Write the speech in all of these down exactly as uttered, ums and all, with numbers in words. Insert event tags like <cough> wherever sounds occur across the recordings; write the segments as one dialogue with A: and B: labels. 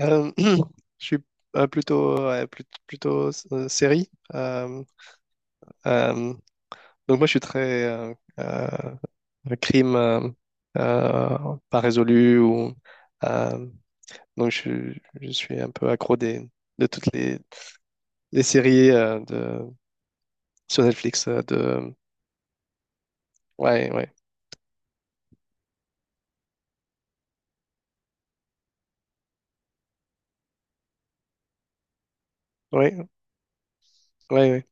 A: Euh, <clears throat> je suis euh, plutôt, ouais, plut- plutôt, euh, série. Euh, euh, donc moi, je suis très euh, euh, crime euh, euh, pas résolu ou euh, donc je, je suis un peu accro des, de toutes les, les séries euh, de sur Netflix euh, de ouais ouais ouais ouais, ouais.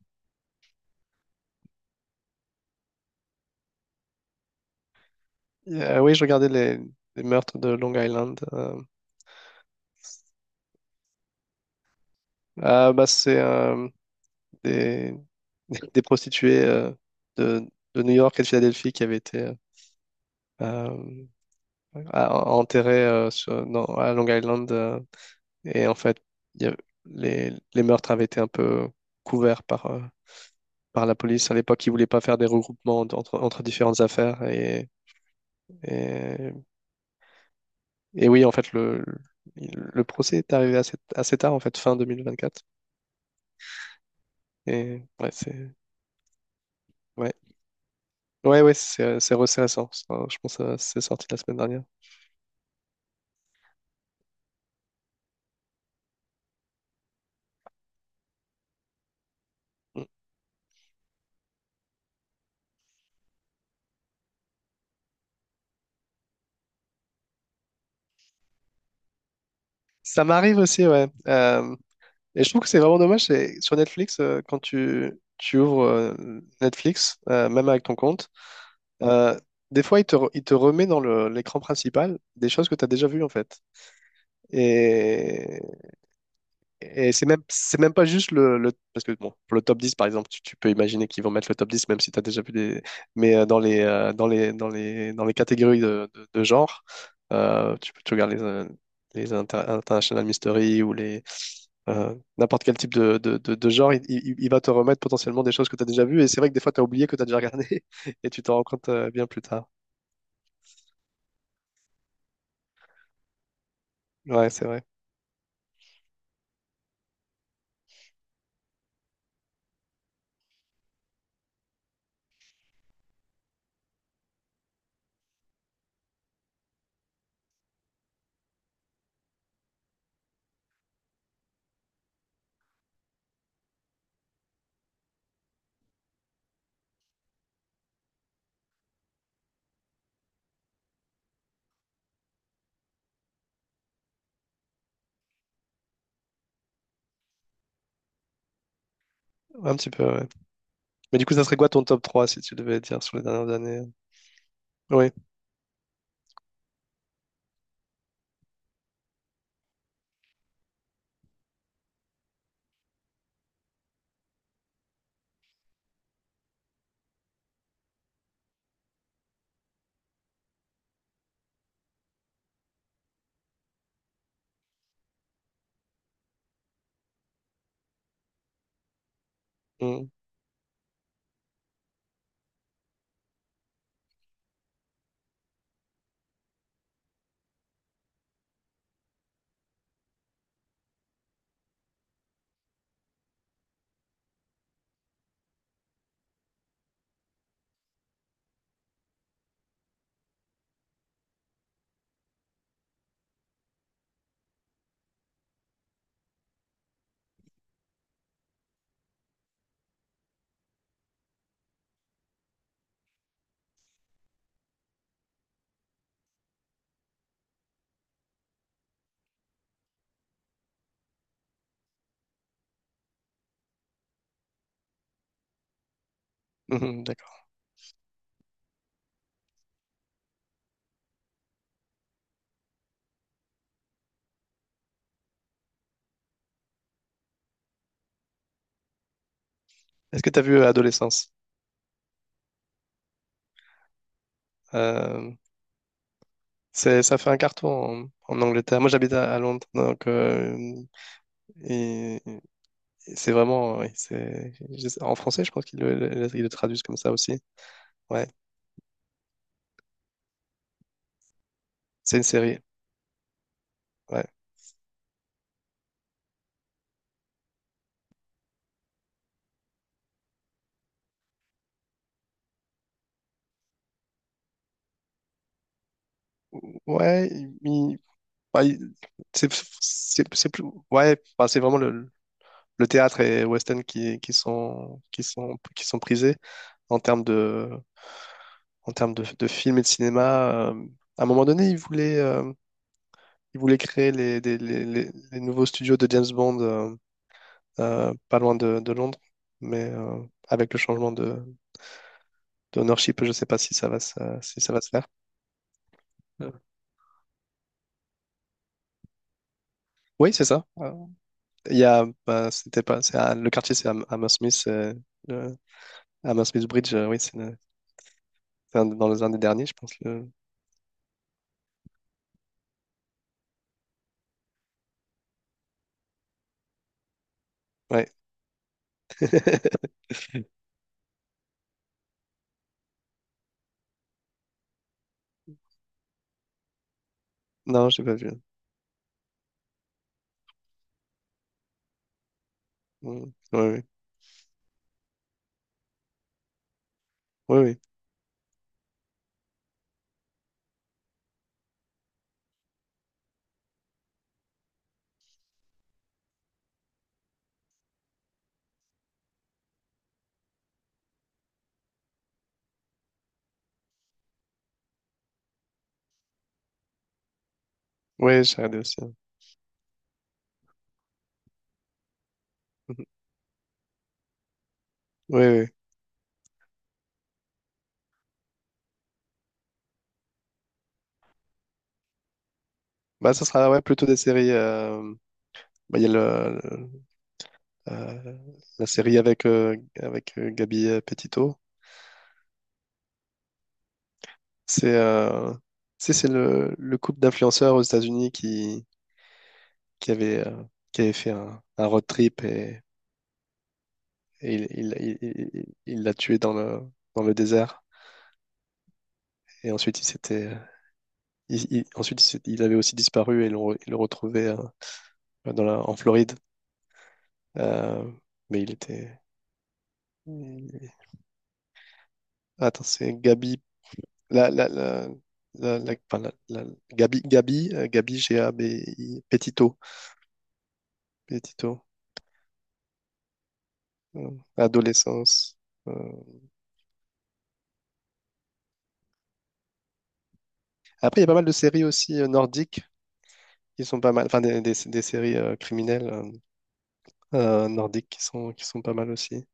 A: Euh, oui, je regardais les, les meurtres de Long Island. euh. Ah, bah c'est euh, des, <laughs> des prostituées euh, de, de New York et de Philadelphie qui avaient été euh, euh, à- enterrées euh, sur- dans- à Long Island. Euh, et en fait, il y a- les, les meurtres avaient été un peu couverts par, euh, par la police. À l'époque, ils voulaient pas faire des regroupements entre, entre entre différentes affaires. Et, et, et oui, en fait, le, le procès est arrivé assez, assez tard, en fait, fin deux mille vingt-quatre. Et ouais, c'est... Ouais. Ouais, ouais, c'est c'est- c'est récent. Ça, je pense que c'est sorti la semaine dernière. Mm. Ça m'arrive aussi, ouais. Euh, et je trouve que c'est vraiment dommage. c'est- Sur Netflix, euh, quand tu, tu ouvres euh, Netflix, euh, même avec ton compte, euh, des fois, il te, re- il te remet dans le- l'écran principal des choses que tu as déjà vues, en fait. Et, et c'est même, c'est même pas juste le, le- parce que, bon, pour le top dix, par exemple, tu, tu peux imaginer qu'ils vont mettre le top dix, même si tu as déjà vu des... Mais euh, dans les, euh, dans les, dans les, dans les catégories de, de- de genre, euh, tu peux tu regardes les, euh, les inter- International Mystery ou les euh, n'importe quel type de, de- de- de genre, il, il- il va te remettre potentiellement des choses que tu as déjà vues. Et c'est vrai que des fois, tu as oublié que tu as déjà regardé <laughs> et tu t'en rends compte euh, bien plus tard. Ouais, c'est vrai. Un petit peu, ouais. Mais du coup, ça serait quoi ton top trois si tu devais dire sur les dernières années? Oui. Mm. Mhm, d'accord. Est-ce que tu as vu euh, Adolescence? Euh, c'est, ça fait un carton en, en Angleterre. Moi, j'habite à, à Londres. Donc, euh, et, et c'est vraiment. Oui, c'est, je sais- en français, je pense qu'ils le, le- le- ils le traduisent comme ça aussi. Ouais. C'est une série. Ouais. Ouais, il- bah, il- c'est c'est- c'est plus ouais bah, c'est vraiment le, le théâtre et West End qui, qui sont qui sont qui sont prisés en termes de en termes de, de films et de cinéma. Euh, à un moment donné, ils voulaient euh, ils voulaient créer les, des- les, les- les nouveaux studios de James Bond, euh, euh, pas loin de, de Londres, mais euh, avec le changement de d'ownership, je sais pas si ça va se, si ça va se faire. Euh, oui, c'est ça. Euh, il y a bah, c'était pas c'est à- le quartier c'est à, à Hammersmith. Ah, Mansfield Bridge, euh, oui, c'est le- c'est un- dans les un des derniers, je pense. Le... Ouais. <laughs> Non, j'ai pas vu. Mm. Ouais, oui, oui, oui. Ouais, j'ai regardé aussi. Oui, oui. Bah, ça sera ouais, plutôt des séries. Euh, bah, il y a le, le- euh, la série avec, euh, avec euh, Gabi euh, Petito. C'est euh, tu c'est le, le couple d'influenceurs aux États-Unis qui, qui, avait, euh, qui avait fait un, un road trip, et, et il il- il- il- il l'a tué dans le, dans le désert. Et ensuite, il s'était il- il- ensuite, c'est- il avait aussi disparu et l'on re- ils le retrouvait euh, euh, dans la- en Floride. Euh, mais il était. il- Attends, c'est Gabi. La, la, la, la, la- enfin, la- la- Gabi, Gabi, euh, Gabi, G-A-B-I, Petito. Petito. euh, Adolescence. euh. Après, il y a pas mal de séries aussi euh, nordiques qui sont pas mal. Enfin, des, des, des séries euh, criminelles, euh, euh, nordiques qui sont, qui sont pas mal aussi.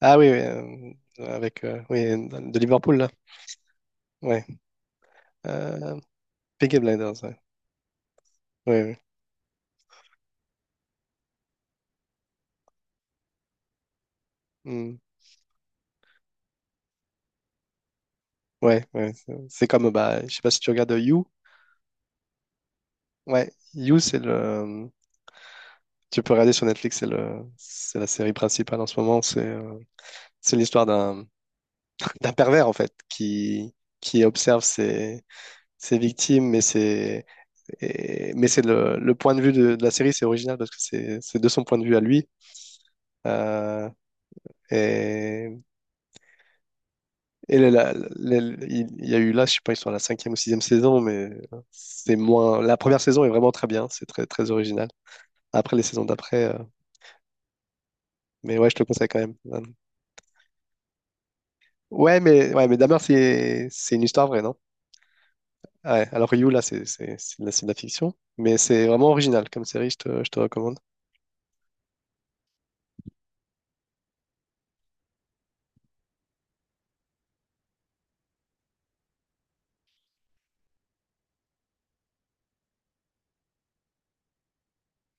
A: Ah oui, oui, euh, avec euh, oui, de Liverpool, là. Ouais. Euh, Peaky Blinders. Ouais. Ouais, ouais, mm. Ouais, ouais, c'est c'est comme, bah, je sais pas si tu regardes euh, You. Ouais, You, c'est le. Tu peux regarder sur Netflix, c'est le, c'est la série principale en ce moment. C'est, euh, c'est l'histoire d'un, d'un pervers, en fait, qui, qui observe ses, ses victimes, mais c'est, et- mais c'est le, le point de vue de, de la série, c'est original parce que c'est, c'est de son point de vue à lui. Euh, et Et la- la- la- il il y a eu là, je sais pas, ils sont à la cinquième ou sixième saison, mais c'est moins. La première saison est vraiment très bien, c'est très très original. Après les saisons d'après, euh, mais ouais, je te le conseille quand même. Ouais, mais ouais, mais Dahmer, c'est c'est une histoire vraie, non? Ouais. Alors que You là, c'est c'est c'est de la, c'est de la fiction, mais c'est vraiment original comme série, je te je te recommande.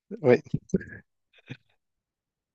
A: Mhm. Ouais.